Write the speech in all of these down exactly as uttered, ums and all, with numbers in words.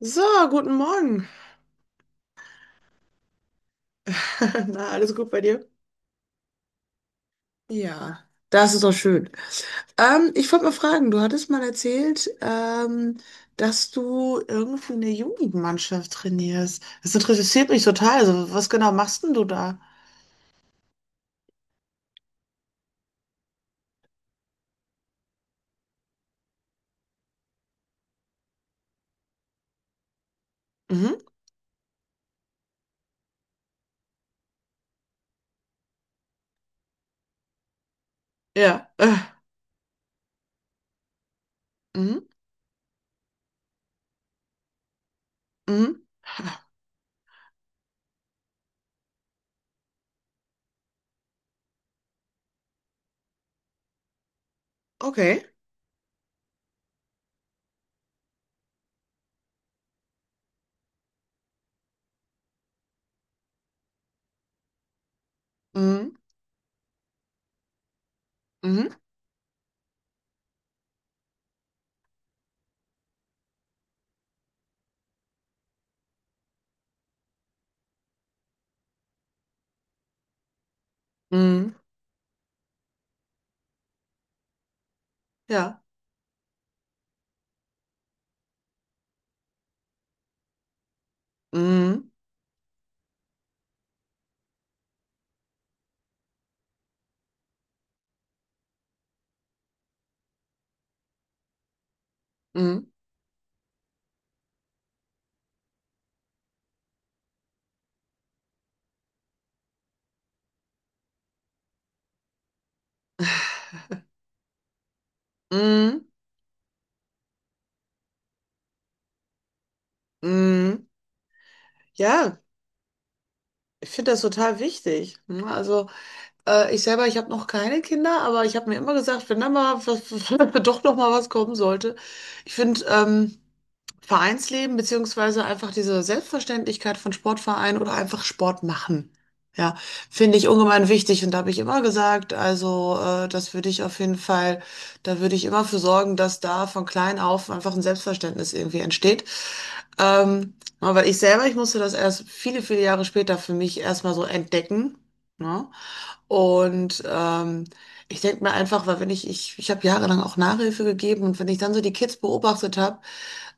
So, guten Morgen. Na, alles gut bei dir? Ja, das ist doch schön. Ähm, ich wollte mal fragen, du hattest mal erzählt, ähm, dass du irgendwie eine Jugendmannschaft trainierst. Das interessiert mich total. Also, was genau machst denn du da? Mhm. Ja. Äh. Mhm. Mhm. Okay. Mhm. Mhm. Mhm. Ja. Mhm. Mhm. Mhm. Mhm. Ja, ich finde das total wichtig. Ne? Also, Äh, ich selber, ich habe noch keine Kinder, aber ich habe mir immer gesagt, wenn da mal was, doch noch mal was kommen sollte. Ich finde ähm, Vereinsleben beziehungsweise einfach diese Selbstverständlichkeit von Sportvereinen oder einfach Sport machen. Ja, finde ich ungemein wichtig und da habe ich immer gesagt, also äh, das würde ich auf jeden Fall, da würde ich immer für sorgen, dass da von klein auf einfach ein Selbstverständnis irgendwie entsteht. Ähm, aber ich selber, ich musste das erst viele, viele Jahre später für mich erstmal so entdecken. Ne? Und ähm, ich denke mir einfach, weil wenn ich, ich, ich habe jahrelang auch Nachhilfe gegeben und wenn ich dann so die Kids beobachtet habe,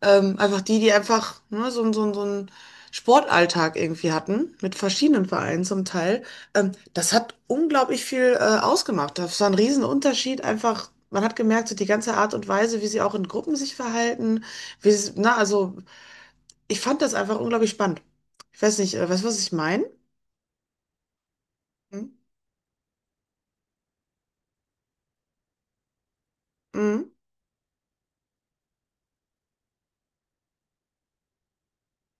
ähm, einfach die, die einfach ne, so, ein- so, ein- so einen Sportalltag irgendwie hatten, mit verschiedenen Vereinen zum Teil, ähm, das hat unglaublich viel äh, ausgemacht. Das war ein Riesenunterschied, einfach, man hat gemerkt, so die ganze Art und Weise, wie sie auch in Gruppen sich verhalten, wie sie, na, also ich fand das einfach unglaublich spannend. Ich weiß nicht, äh, weißt du, was ich meine? Hm? Mhm.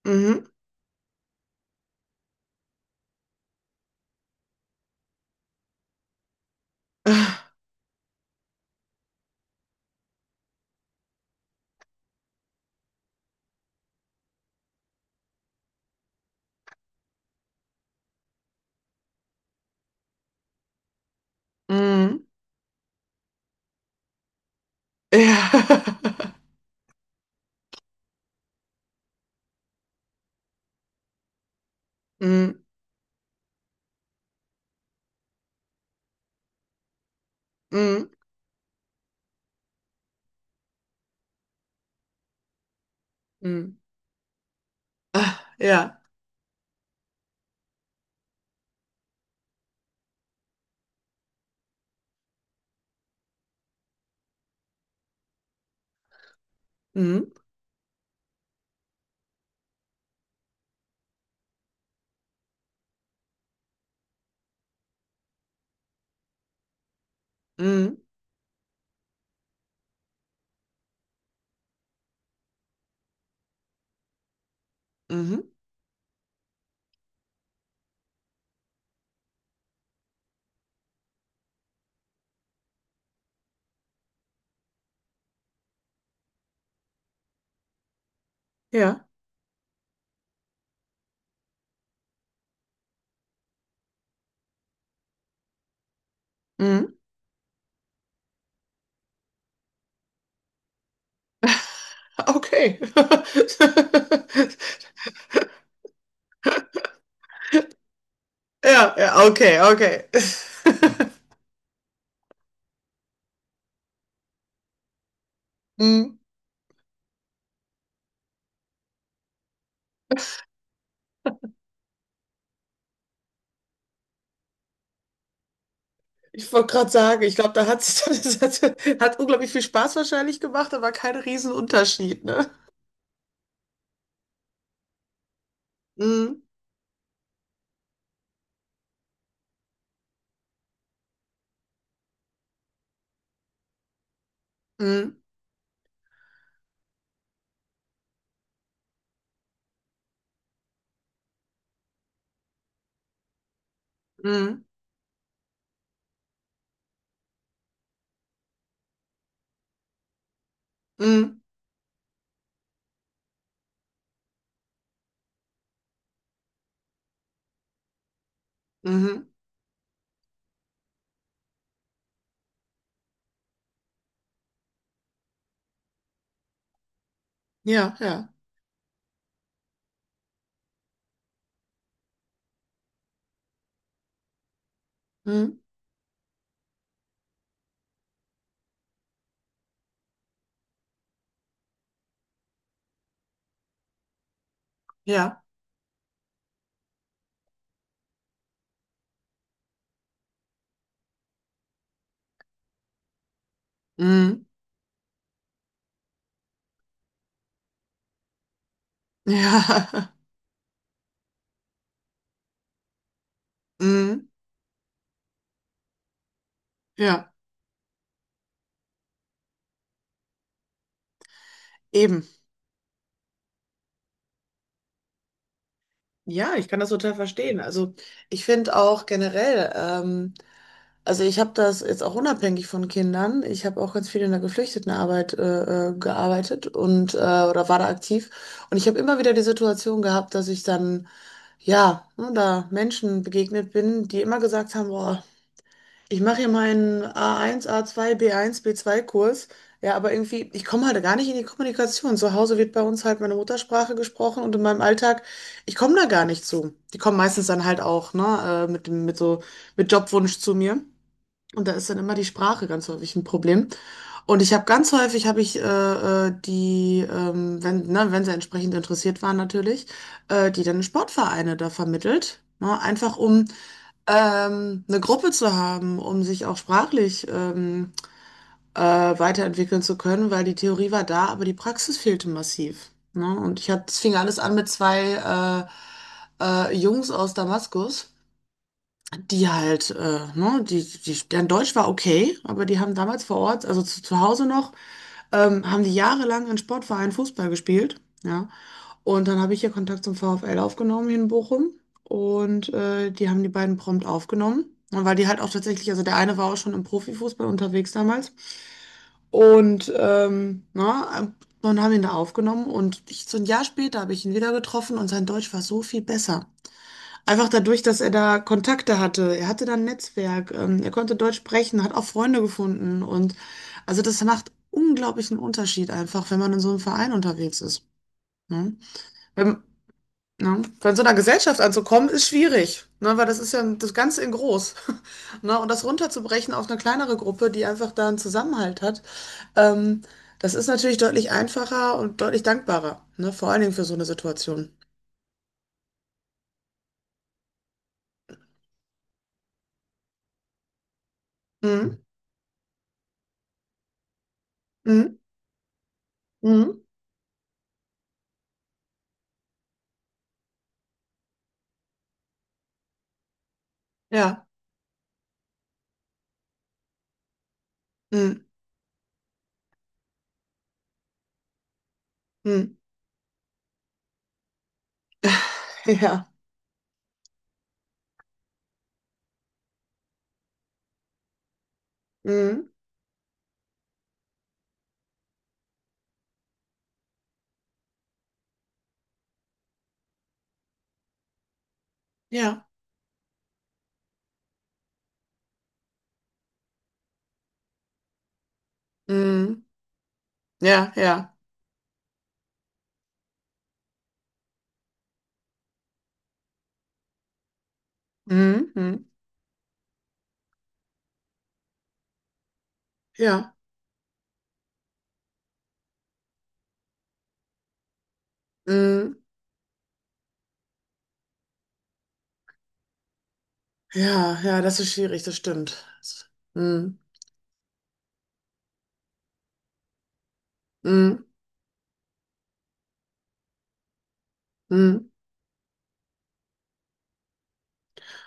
Mhm. Mhm. Ja. Mhm. Mhm. Mhm. Ah, ja. Mhm. Mhm. Mhm. Ja. Mhm. Okay. Ja, ja, okay, okay. Mhm. Ich wollte gerade sagen, ich glaube, da hat sich das hat, hat unglaublich viel Spaß wahrscheinlich gemacht, aber kein Riesenunterschied, ne? Mhm. Mhm. Mhm. Mhm. Mhm. Ja, ja. Mhm. Ja. Mhm. Ja. Mhm. Ja. Eben. Ja, ich kann das total verstehen. Also ich finde auch generell, ähm, also ich habe das jetzt auch unabhängig von Kindern. Ich habe auch ganz viel in der Geflüchtetenarbeit äh, äh, gearbeitet und äh, oder war da aktiv. Und ich habe immer wieder die Situation gehabt, dass ich dann ja ne, da Menschen begegnet bin, die immer gesagt haben, boah, ich mache hier meinen A eins, A zwei, B eins, B zwei Kurs. Ja, aber irgendwie, ich komme halt gar nicht in die Kommunikation. Zu Hause wird bei uns halt meine Muttersprache gesprochen und in meinem Alltag, ich komme da gar nicht zu. Die kommen meistens dann halt auch, ne, äh, mit dem, mit so, mit Jobwunsch zu mir. Und da ist dann immer die Sprache ganz häufig ein Problem. Und ich habe ganz häufig, habe ich äh, äh, die, ähm, wenn, ne, wenn sie entsprechend interessiert waren natürlich, äh, die dann Sportvereine da vermittelt. Ne, einfach um ähm, eine Gruppe zu haben, um sich auch sprachlich ähm, äh, weiterentwickeln zu können, weil die Theorie war da, aber die Praxis fehlte massiv. Ne? Und ich hatte, es fing alles an mit zwei äh, äh, Jungs aus Damaskus, die halt, äh, ne, die, die, deren Deutsch war okay, aber die haben damals vor Ort, also zu, zu Hause noch, ähm, haben die jahrelang in Sportvereinen Fußball gespielt. Ja? Und dann habe ich hier Kontakt zum VfL aufgenommen hier in Bochum. Und äh, die haben die beiden prompt aufgenommen. Und weil die halt auch tatsächlich, also der eine war auch schon im Profifußball unterwegs damals. Und ähm, na, dann haben ihn da aufgenommen. Und ich, so ein Jahr später habe ich ihn wieder getroffen und sein Deutsch war so viel besser. Einfach dadurch, dass er da Kontakte hatte. Er hatte da ein Netzwerk. Ähm, er konnte Deutsch sprechen, hat auch Freunde gefunden. Und also das macht unglaublichen Unterschied einfach, wenn man in so einem Verein unterwegs ist. Ne? Wenn, ne? Von so einer Gesellschaft anzukommen, ist schwierig, ne? Weil das ist ja das Ganze in groß. Ne? Und das runterzubrechen auf eine kleinere Gruppe, die einfach da einen Zusammenhalt hat, ähm, das ist natürlich deutlich einfacher und deutlich dankbarer, ne? Vor allen Dingen für so eine Situation. Mhm. Mhm. Mhm. Ja. Mhm. Mhm. Ja. Mhm. Ja. Mhm. Ja, ja. Mhm. Mhm. Ja. Mhm. Ja, ja, das ist schwierig, das stimmt. Das- Mhm. Mhm. Mhm.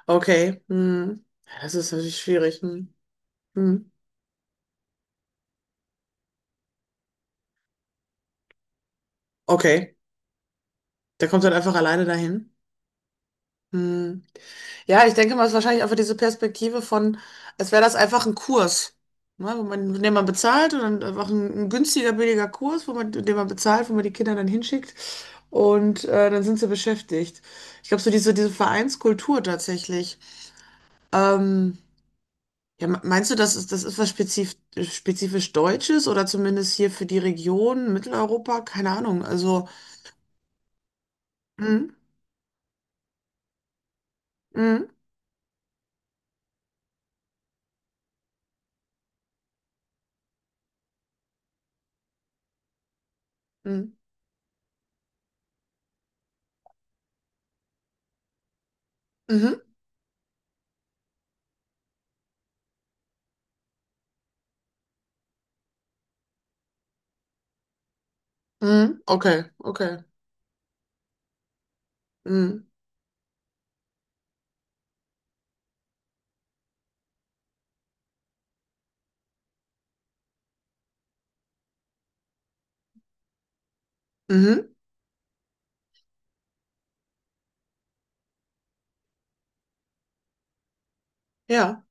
Okay. Hm. Ja, das ist natürlich schwierig. Hm. Hm. Okay. Der kommt dann einfach alleine dahin. Hm. Ja, ich denke mal, es ist wahrscheinlich einfach diese Perspektive von, als wäre das einfach ein Kurs, ne, wo man, den man bezahlt und dann einfach ein, ein günstiger, billiger Kurs, wo man, den man bezahlt, wo man die Kinder dann hinschickt und äh, dann sind sie beschäftigt. Ich glaube, so diese, diese Vereinskultur tatsächlich. Ähm, Ja, me- meinst du, das ist, das ist was spezif spezifisch Deutsches oder zumindest hier für die Region Mitteleuropa? Keine Ahnung. Also, mhm, mhm, mhm, mhm, mhm, okay, okay, mhm, mhm, ja,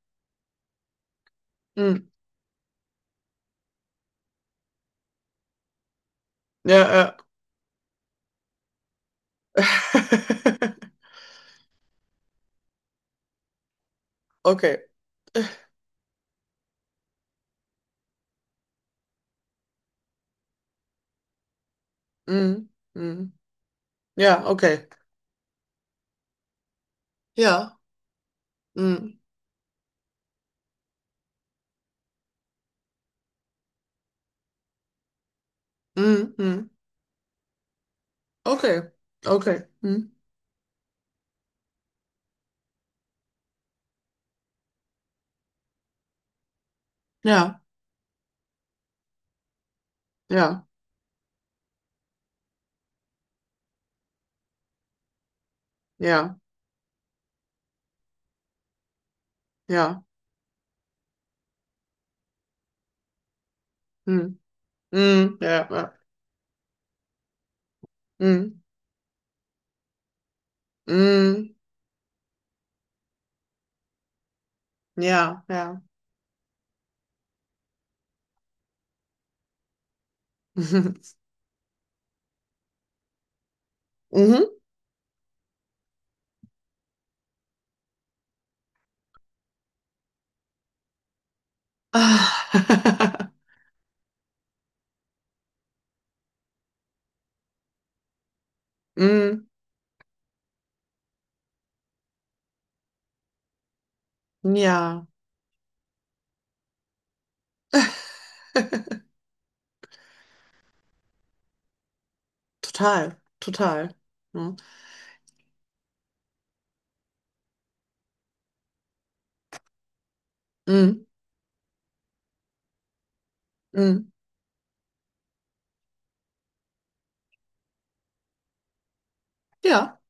mhm, ja, ja, okay, mhm, mhm, ja, okay, ja, mhm, mhm, mhm, okay, okay, mhm, ja, ja, ja, ja, mhm, mhm, ja, ja, mhm, mhm, ja, ja. Mhm. Ah. Mm, ja, total, total. Ja. Mm, mm. Ja.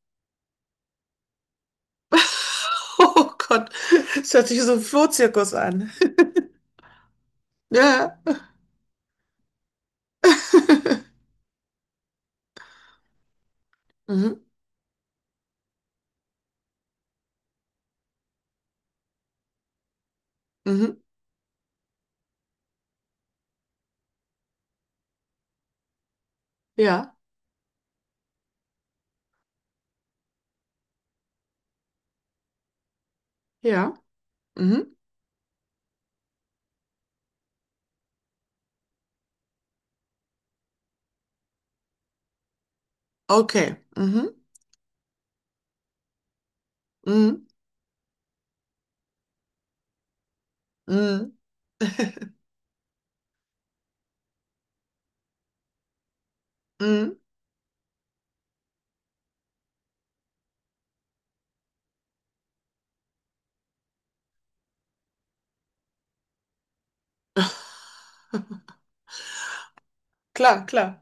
Oh Gott, es hört sich so ein Flohzirkus an. Ja. Mhm. Mhm. Ja, ja. Mhm. Okay. Mhm. Mhm. Mhm. Mhm. Klar, klar.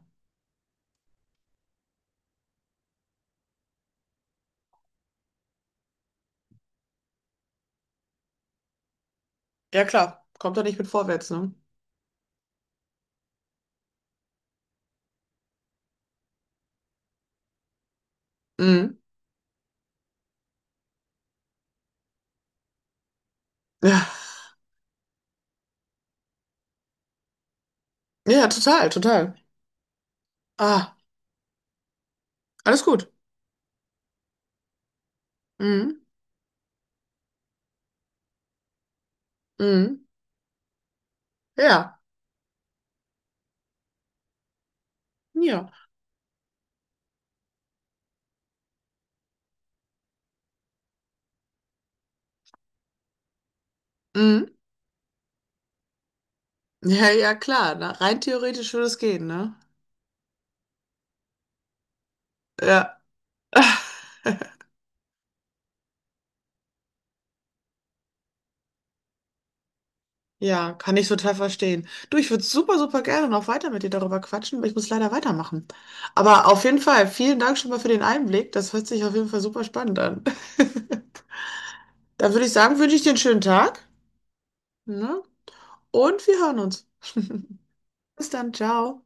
Ja, klar. Kommt doch nicht mit vorwärts, ne? Mhm. Ja. Ja, total, total. Ah, alles gut. Mhm. Mhm. Ja, ja. Mhm. Ja, ja, klar. Na, rein theoretisch würde es gehen, ne? Ja. Ja, kann ich total verstehen. Du, ich würde super, super gerne noch weiter mit dir darüber quatschen, aber ich muss leider weitermachen. Aber auf jeden Fall, vielen Dank schon mal für den Einblick. Das hört sich auf jeden Fall super spannend an. Dann würde ich sagen, wünsche ich dir einen schönen Tag, ne? Und wir hören uns. Bis dann, ciao.